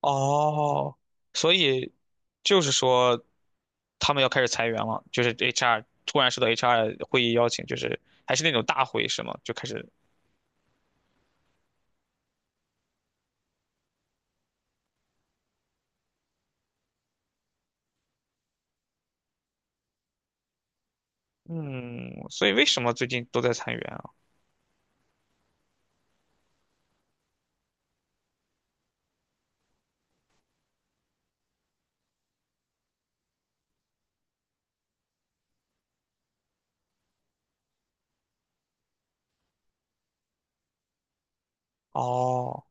哦，所以就是说他们要开始裁员了，就是 HR 突然收到 HR 会议邀请，就是还是那种大会是吗？就开始，嗯，所以为什么最近都在裁员啊？哦，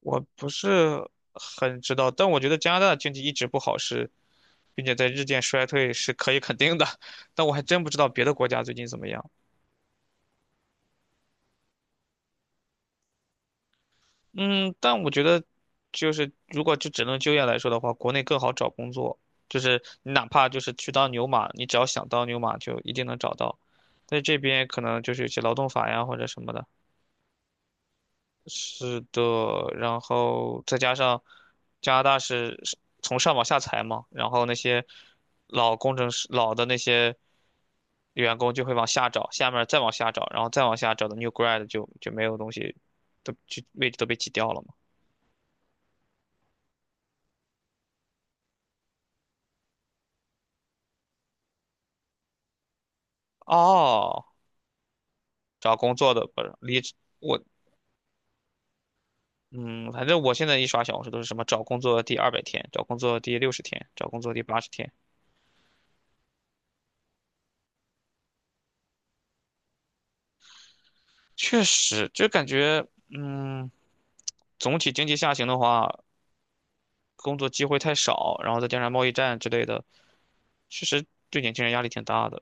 我不是很知道，但我觉得加拿大的经济一直不好是，并且在日渐衰退是可以肯定的，但我还真不知道别的国家最近怎么样。嗯，但我觉得，就是如果就只能就业来说的话，国内更好找工作。就是你哪怕就是去当牛马，你只要想当牛马，就一定能找到。在这边可能就是有些劳动法呀或者什么的。是的，然后再加上加拿大是从上往下裁嘛，然后那些老工程师、老的那些员工就会往下找，下面儿再往下找，然后再往下找的 new grad 就没有东西，都就位置都被挤掉了嘛。哦，找工作的不是离职。我嗯，反正我现在一刷小红书都是什么找工作第200天，找工作第60天，找工作第80天，确实就感觉。嗯，总体经济下行的话，工作机会太少，然后再加上贸易战之类的，确实对年轻人压力挺大的。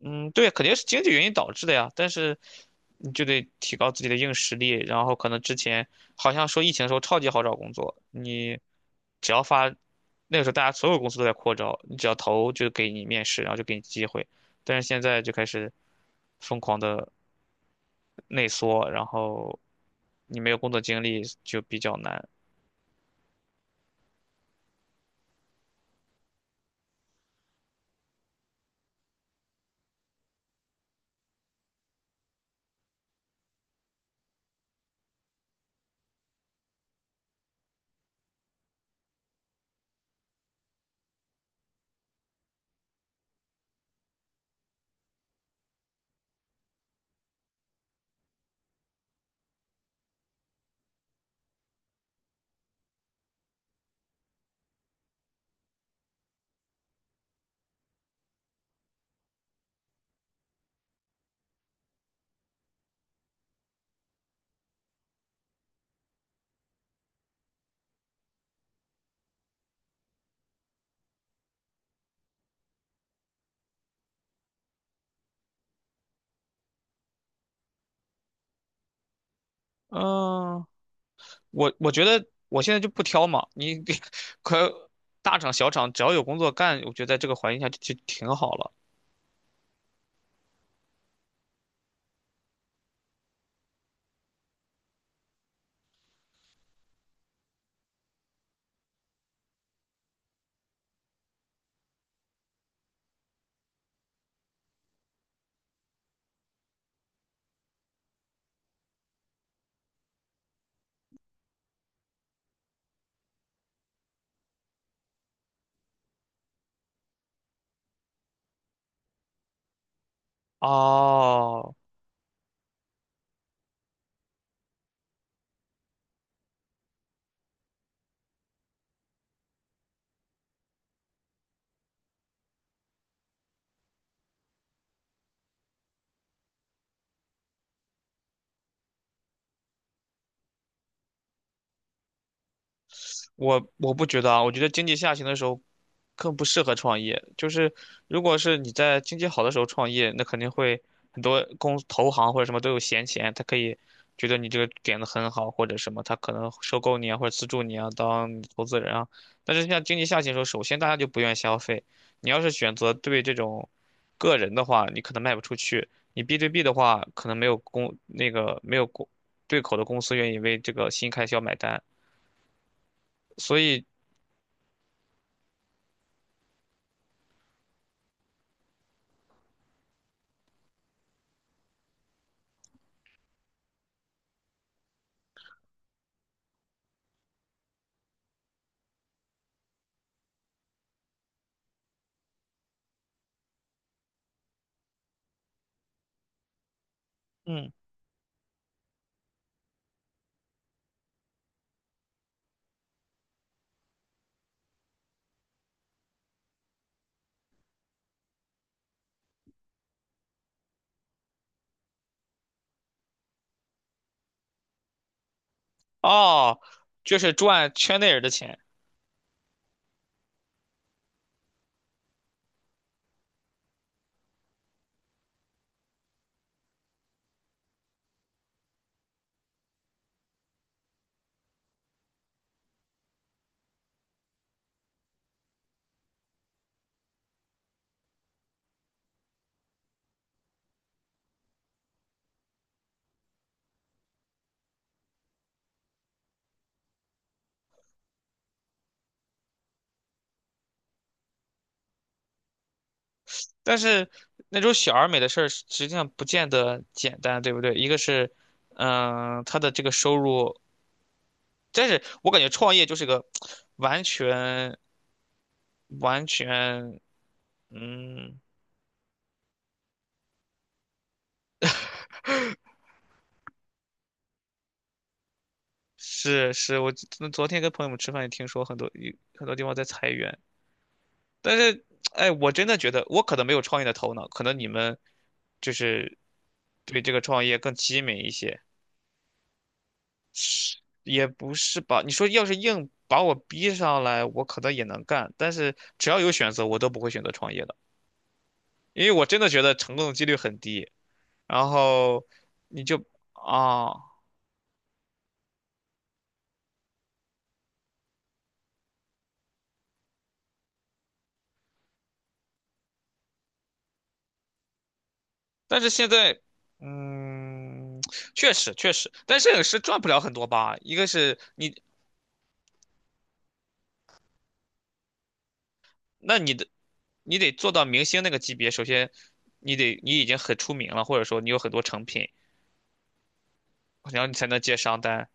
嗯，对，肯定是经济原因导致的呀。但是你就得提高自己的硬实力，然后可能之前好像说疫情的时候超级好找工作，你只要发，那个时候大家所有公司都在扩招，你只要投就给你面试，然后就给你机会。但是现在就开始疯狂的内缩，然后你没有工作经历就比较难。嗯，我觉得我现在就不挑嘛，你给 可大厂小厂只要有工作干，我觉得在这个环境下就挺好了。哦，我不觉得啊，我觉得经济下行的时候更不适合创业。就是如果是你在经济好的时候创业，那肯定会很多公投行或者什么都有闲钱，他可以觉得你这个点子很好或者什么，他可能收购你啊或者资助你啊当你投资人啊。但是像经济下行的时候，首先大家就不愿意消费。你要是选择对这种个人的话，你可能卖不出去；你 B 对 B 的话，可能没有公那个没有公对口的公司愿意为这个新开销买单。所以嗯，哦，就是赚圈内人的钱。但是那种小而美的事儿，实际上不见得简单，对不对？一个是，他的这个收入，但是我感觉创业就是个完全完全。嗯，是是，我昨天跟朋友们吃饭也听说很多很多地方在裁员，但是哎，我真的觉得我可能没有创业的头脑，可能你们就是对这个创业更机敏一些。也不是吧？你说要是硬把我逼上来，我可能也能干，但是只要有选择，我都不会选择创业的，因为我真的觉得成功的几率很低。然后你就啊，但是现在，嗯，确实确实，但摄影师赚不了很多吧？一个是你，那你的你得做到明星那个级别，首先你已经很出名了，或者说你有很多成品，然后你才能接商单。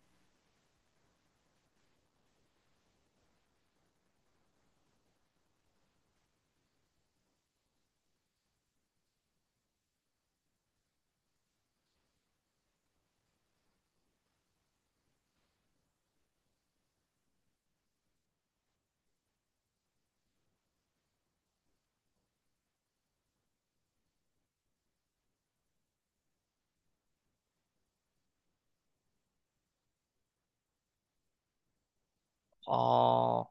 哦，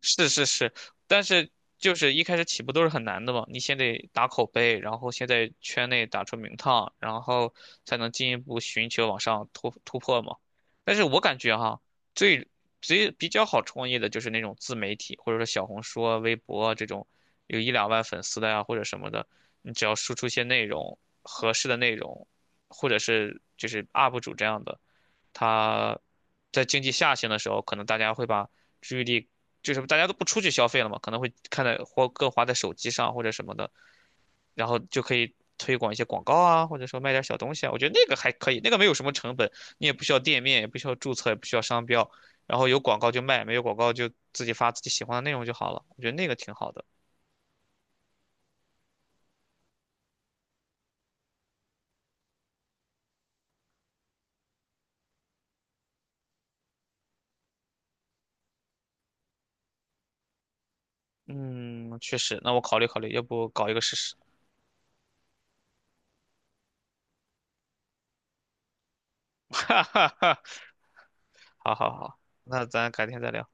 是是是，但是就是一开始起步都是很难的嘛，你先得打口碑，然后先在圈内打出名堂，然后才能进一步寻求往上突破嘛。但是我感觉哈，最最比较好创业的就是那种自媒体，或者说小红书啊、微博啊这种有一两万粉丝的呀、或者什么的，你只要输出一些内容，合适的内容，或者是就是 UP 主这样的。它在经济下行的时候，可能大家会把注意力，就是大家都不出去消费了嘛，可能会看在或更花在手机上或者什么的，然后就可以推广一些广告啊，或者说卖点小东西啊。我觉得那个还可以，那个没有什么成本，你也不需要店面，也不需要注册，也不需要商标，然后有广告就卖，没有广告就自己发自己喜欢的内容就好了。我觉得那个挺好的。嗯，确实，那我考虑考虑，要不搞一个试试。哈哈哈，好好好，那咱改天再聊。